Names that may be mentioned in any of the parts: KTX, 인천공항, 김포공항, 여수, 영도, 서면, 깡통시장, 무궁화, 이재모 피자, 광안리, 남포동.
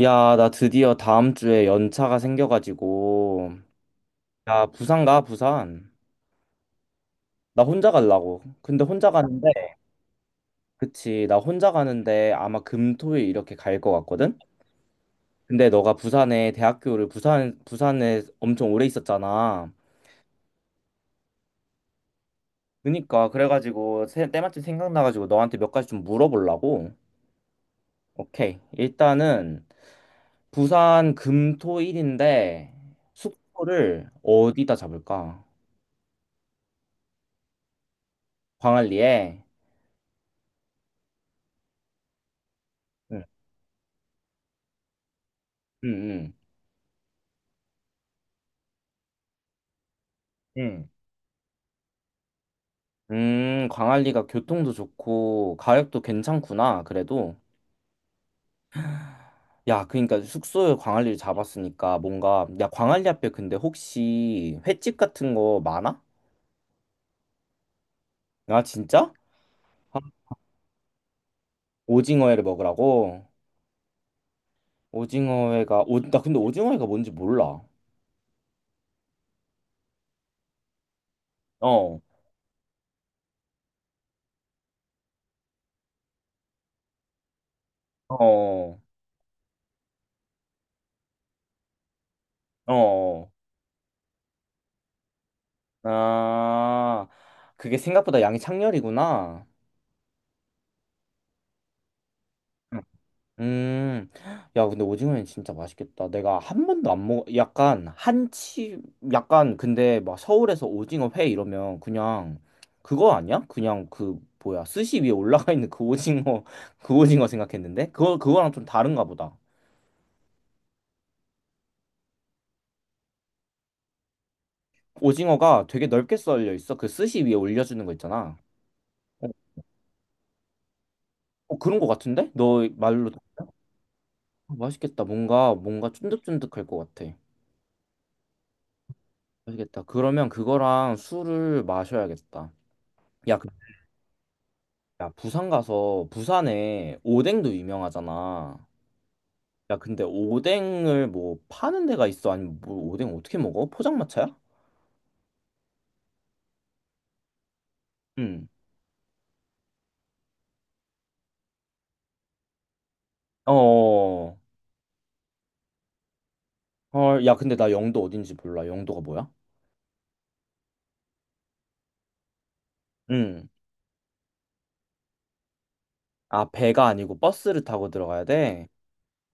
야, 나 드디어 다음 주에 연차가 생겨가지고, 야, 부산 가, 부산. 나 혼자 가려고. 근데 혼자 가는데, 그치, 나 혼자 가는데 아마 금, 토, 일 이렇게 갈 것 같거든? 근데 너가 부산에, 대학교를 부산, 부산에 엄청 오래 있었잖아. 그니까, 그래가지고, 때마침 생각나가지고 너한테 몇 가지 좀 물어보려고. 오케이. 일단은, 부산 금, 토, 일인데, 숙소를 어디다 잡을까? 광안리에? 응, 응. 응. 응. 광안리가 교통도 좋고 가격도 괜찮구나. 그래도 야, 그러니까 숙소에 광안리를 잡았으니까 뭔가 야, 광안리 앞에 근데 혹시 횟집 같은 거 많아? 아, 진짜? 아, 오징어회를 먹으라고? 오징어회가 오, 나 근데 오징어회가 뭔지 몰라. 어. 어. 어. 어. 아, 그게 생각보다 양이 창렬이구나. 음, 야, 근데 오징어는 진짜 맛있겠다. 내가 한 번도 안 먹어, 약간 한치, 약간 근데 막 서울에서 오징어 회 이러면 그냥 그거 아니야? 그냥 그 뭐야, 스시 위에 올라가 있는 그 오징어, 그 오징어 생각했는데 그거 그거랑 좀 다른가 보다. 오징어가 되게 넓게 썰려 있어. 그 스시 위에 올려주는 거 있잖아. 어, 어, 그런 거 같은데? 너 말로 어, 맛있겠다. 뭔가 뭔가 쫀득쫀득할 것 같아. 맛있겠다. 그러면 그거랑 술을 마셔야겠다. 야, 야, 부산 가서 부산에 오뎅도 유명하잖아. 야, 근데 오뎅을 뭐 파는 데가 있어? 아니면 뭐 오뎅 어떻게 먹어? 포장마차야? 응. 어. 헐, 야, 근데 나 영도 어딘지 몰라. 영도가 뭐야? 응. 아, 배가 아니고 버스를 타고 들어가야 돼?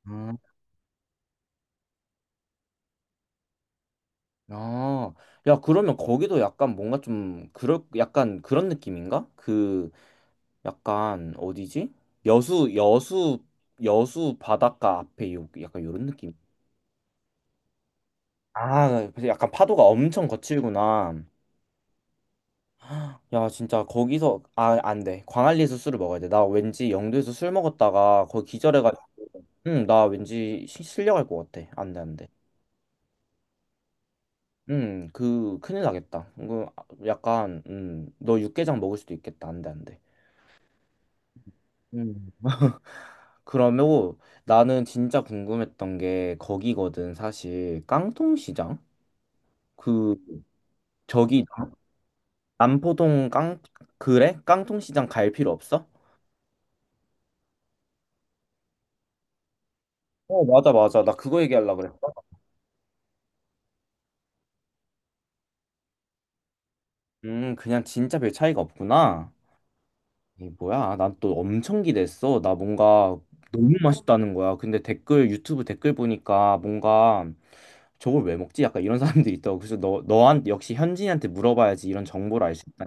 음. 아, 야, 그러면 거기도 약간 뭔가 좀, 그럴, 약간 그런 느낌인가? 그, 약간, 어디지? 여수, 여수, 여수 바닷가 앞에 요, 약간 요런 느낌. 아, 그래서 약간 파도가 엄청 거칠구나. 야, 진짜 거기서 아, 안 돼. 광안리에서 술을 먹어야 돼. 나 왠지 영도에서 술 먹었다가 거기 기절해가지고, 응, 나 왠지 실려갈 것 같아. 안 돼, 안 돼. 응, 그 큰일 나겠다. 그 약간, 너 육개장 먹을 수도 있겠다. 안 돼, 안 돼. 음. 그러면 나는 진짜 궁금했던 게 거기거든, 사실. 깡통시장? 그 저기 남포동 깡 그래? 깡통시장 갈 필요 없어? 어, 맞아, 맞아. 나 그거 얘기하려고 그랬어. 그냥 진짜 별 차이가 없구나. 이게 뭐야? 난 또 엄청 기대했어. 나 뭔가 너무 맛있다는 거야. 근데 댓글, 유튜브 댓글 보니까 뭔가 저걸 왜 먹지? 약간 이런 사람들이 있다고. 그래서 너, 역시 현진이한테 물어봐야지 이런 정보를 알 수 있다.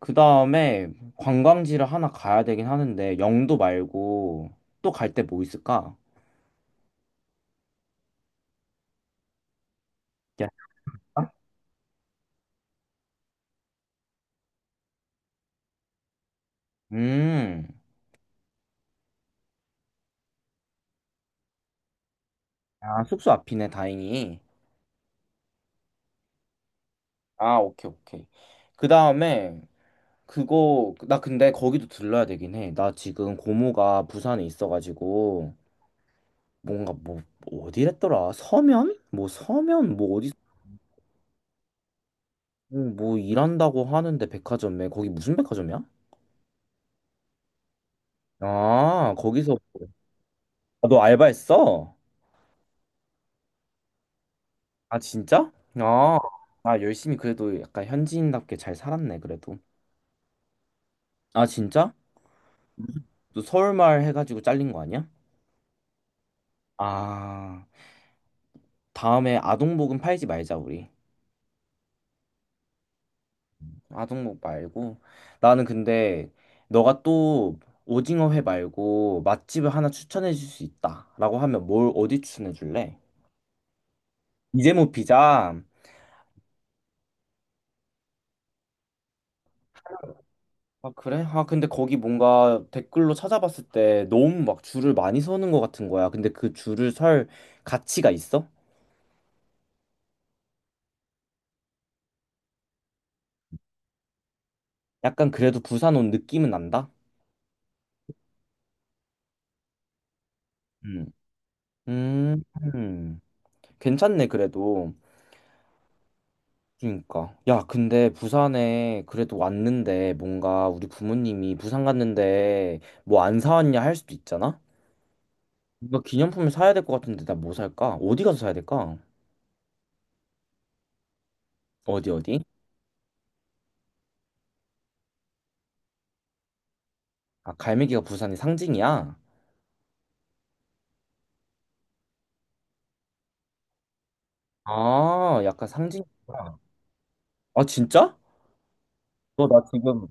그 다음에 관광지를 하나 가야 되긴 하는데, 영도 말고 또 갈 때 뭐 있을까? 야, 음, 아, 숙소 앞이네, 다행히. 아, 오케이, 오케이. 그 다음에 그거 나 근데 거기도 들러야 되긴 해. 나 지금 고모가 부산에 있어가지고 뭔가 뭐 뭐 어디랬더라? 서면? 뭐 서면 뭐 어디 뭐, 일한다고 하는데 백화점에 거기 무슨 백화점이야? 아, 거기서. 아, 너 알바했어? 아, 진짜? 아, 아 열심히 그래도 약간 현지인답게 잘 살았네 그래도. 아, 진짜? 너 서울말 해가지고 잘린 거 아니야? 아, 다음에 아동복은 팔지 말자 우리. 아동목 말고 나는 근데 너가 또 오징어회 말고 맛집을 하나 추천해 줄 수 있다라고 하면 뭘 어디 추천해 줄래? 이재모 피자. 아, 그래? 아 근데 거기 뭔가 댓글로 찾아봤을 때 너무 막 줄을 많이 서는 것 같은 거야. 근데 그 줄을 설 가치가 있어? 약간 그래도 부산 온 느낌은 난다. 음. 음. 음. 괜찮네 그래도. 그러니까. 야, 근데 부산에 그래도 왔는데 뭔가 우리 부모님이 부산 갔는데 뭐 안 사왔냐 할 수도 있잖아? 뭔가 기념품을 사야 될 것 같은데 나 뭐 살까? 어디 가서 사야 될까? 어디 어디? 아, 갈매기가 부산의 상징이야? 아, 약간 상징이구나. 아, 진짜? 너 나 지금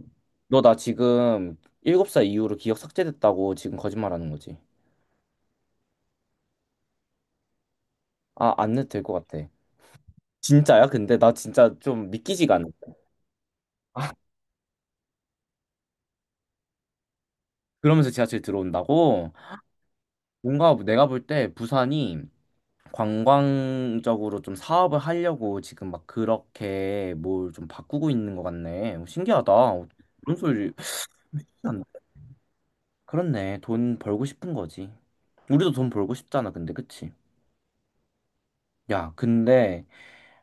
너 나 지금 7살 이후로 기억 삭제됐다고 지금 거짓말하는 거지. 아, 안 해도 될 것 같아. 진짜야? 근데 나 진짜 좀 믿기지가 않아. 그러면서 지하철 들어온다고? 뭔가 내가 볼 때 부산이 관광적으로 좀 사업을 하려고 지금 막 그렇게 뭘 좀 바꾸고 있는 것 같네. 어, 신기하다. 어, 그런 소리. 안- 그렇네. 돈 벌고 싶은 거지. 우리도 돈 벌고 싶잖아. 근데 그치? 야, 근데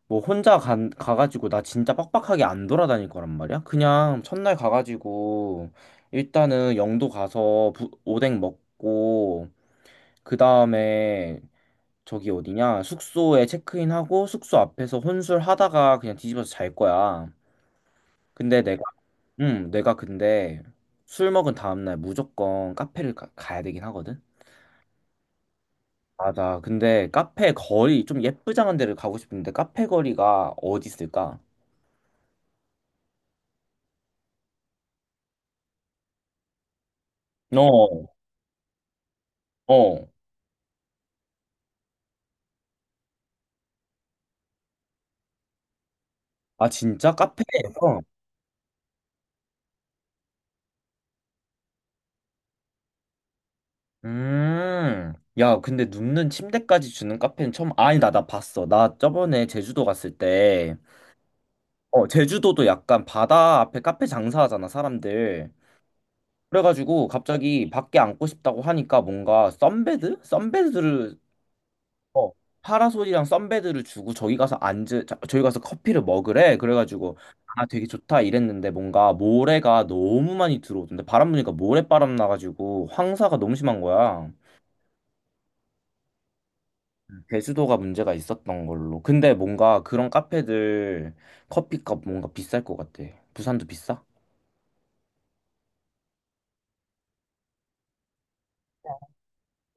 뭐 혼자 가가지고 나 진짜 빡빡하게 안 돌아다닐 거란 말이야? 그냥 첫날 가가지고 일단은 영도 가서 오뎅 먹고 그 다음에 저기 어디냐? 숙소에 체크인하고 숙소 앞에서 혼술하다가 그냥 뒤집어서 잘 거야. 근데 내가, 응, 내가 근데 술 먹은 다음날 무조건 카페를 가야 되긴 하거든? 맞아. 근데 카페 거리, 좀 예쁘장한 데를 가고 싶은데 카페 거리가 어디 있을까? 어, 어. 아, 진짜? 카페에서? 음. 야, 근데 눕는 침대까지 주는 카페는 처음, 아니, 나 봤어. 나 저번에 제주도 갔을 때 어, 제주도도 약간 바다 앞에 카페 장사하잖아, 사람들. 그래가지고 갑자기 밖에 앉고 싶다고 하니까 뭔가 썬베드? 썬베드를, 어, 파라솔이랑 썬베드를 주고 저기 가서 저기 가서 커피를 먹으래. 그래가지고, 아, 되게 좋다 이랬는데 뭔가 모래가 너무 많이 들어오던데 바람 부니까 모래바람 나가지고 황사가 너무 심한 거야. 제주도가 문제가 있었던 걸로. 근데 뭔가 그런 카페들 커피값 뭔가 비쌀 것 같아. 부산도 비싸?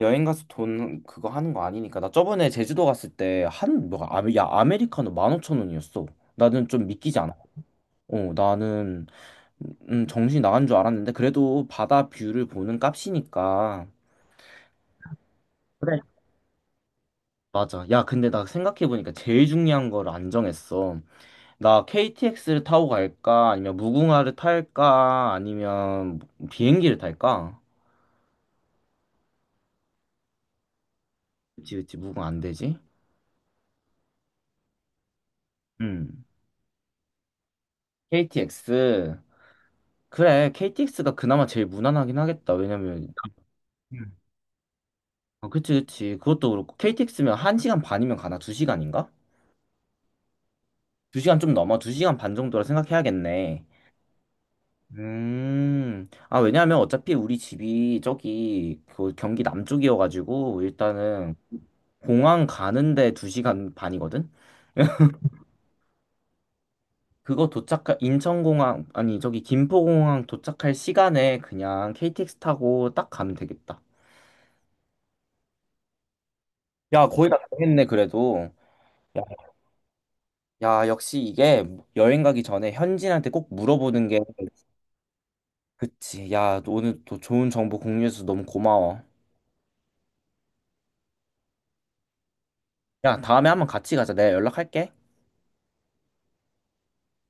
여행 가서 돈 그거 하는 거 아니니까. 나 저번에 제주도 갔을 때 한, 뭐, 아메, 야, 아메리카노 15,000원이었어. 나는 좀 믿기지 않아. 어, 나는, 정신 나간 줄 알았는데, 그래도 바다 뷰를 보는 값이니까. 그래. 맞아. 야, 근데 나 생각해보니까 제일 중요한 걸 안 정했어. 나 KTX를 타고 갈까? 아니면 무궁화를 탈까? 아니면 비행기를 탈까? 그치, 그치, 무궁화 안 되지? 음. KTX. 그래, KTX가 그나마 제일 무난하긴 하겠다. 왜냐면, 음. 어, 그치, 그치. 그것도 그렇고, KTX면 1시간 반이면 가나? 2시간인가? 2시간 좀 넘어. 2시간 반 정도라 생각해야겠네. 아, 왜냐면 어차피 우리 집이 저기, 그 경기 남쪽이어가지고, 일단은, 공항 가는데 2시간 반이거든? 그거 도착할, 인천공항, 아니, 저기, 김포공항 도착할 시간에 그냥 KTX 타고 딱 가면 되겠다. 야, 거의 다 정했네, 그래도. 야, 역시 이게 여행 가기 전에 현지인한테 꼭 물어보는 게 그치. 야, 너 오늘 또 좋은 정보 공유해서 너무 고마워. 야, 다음에 한번 같이 가자. 내가 연락할게.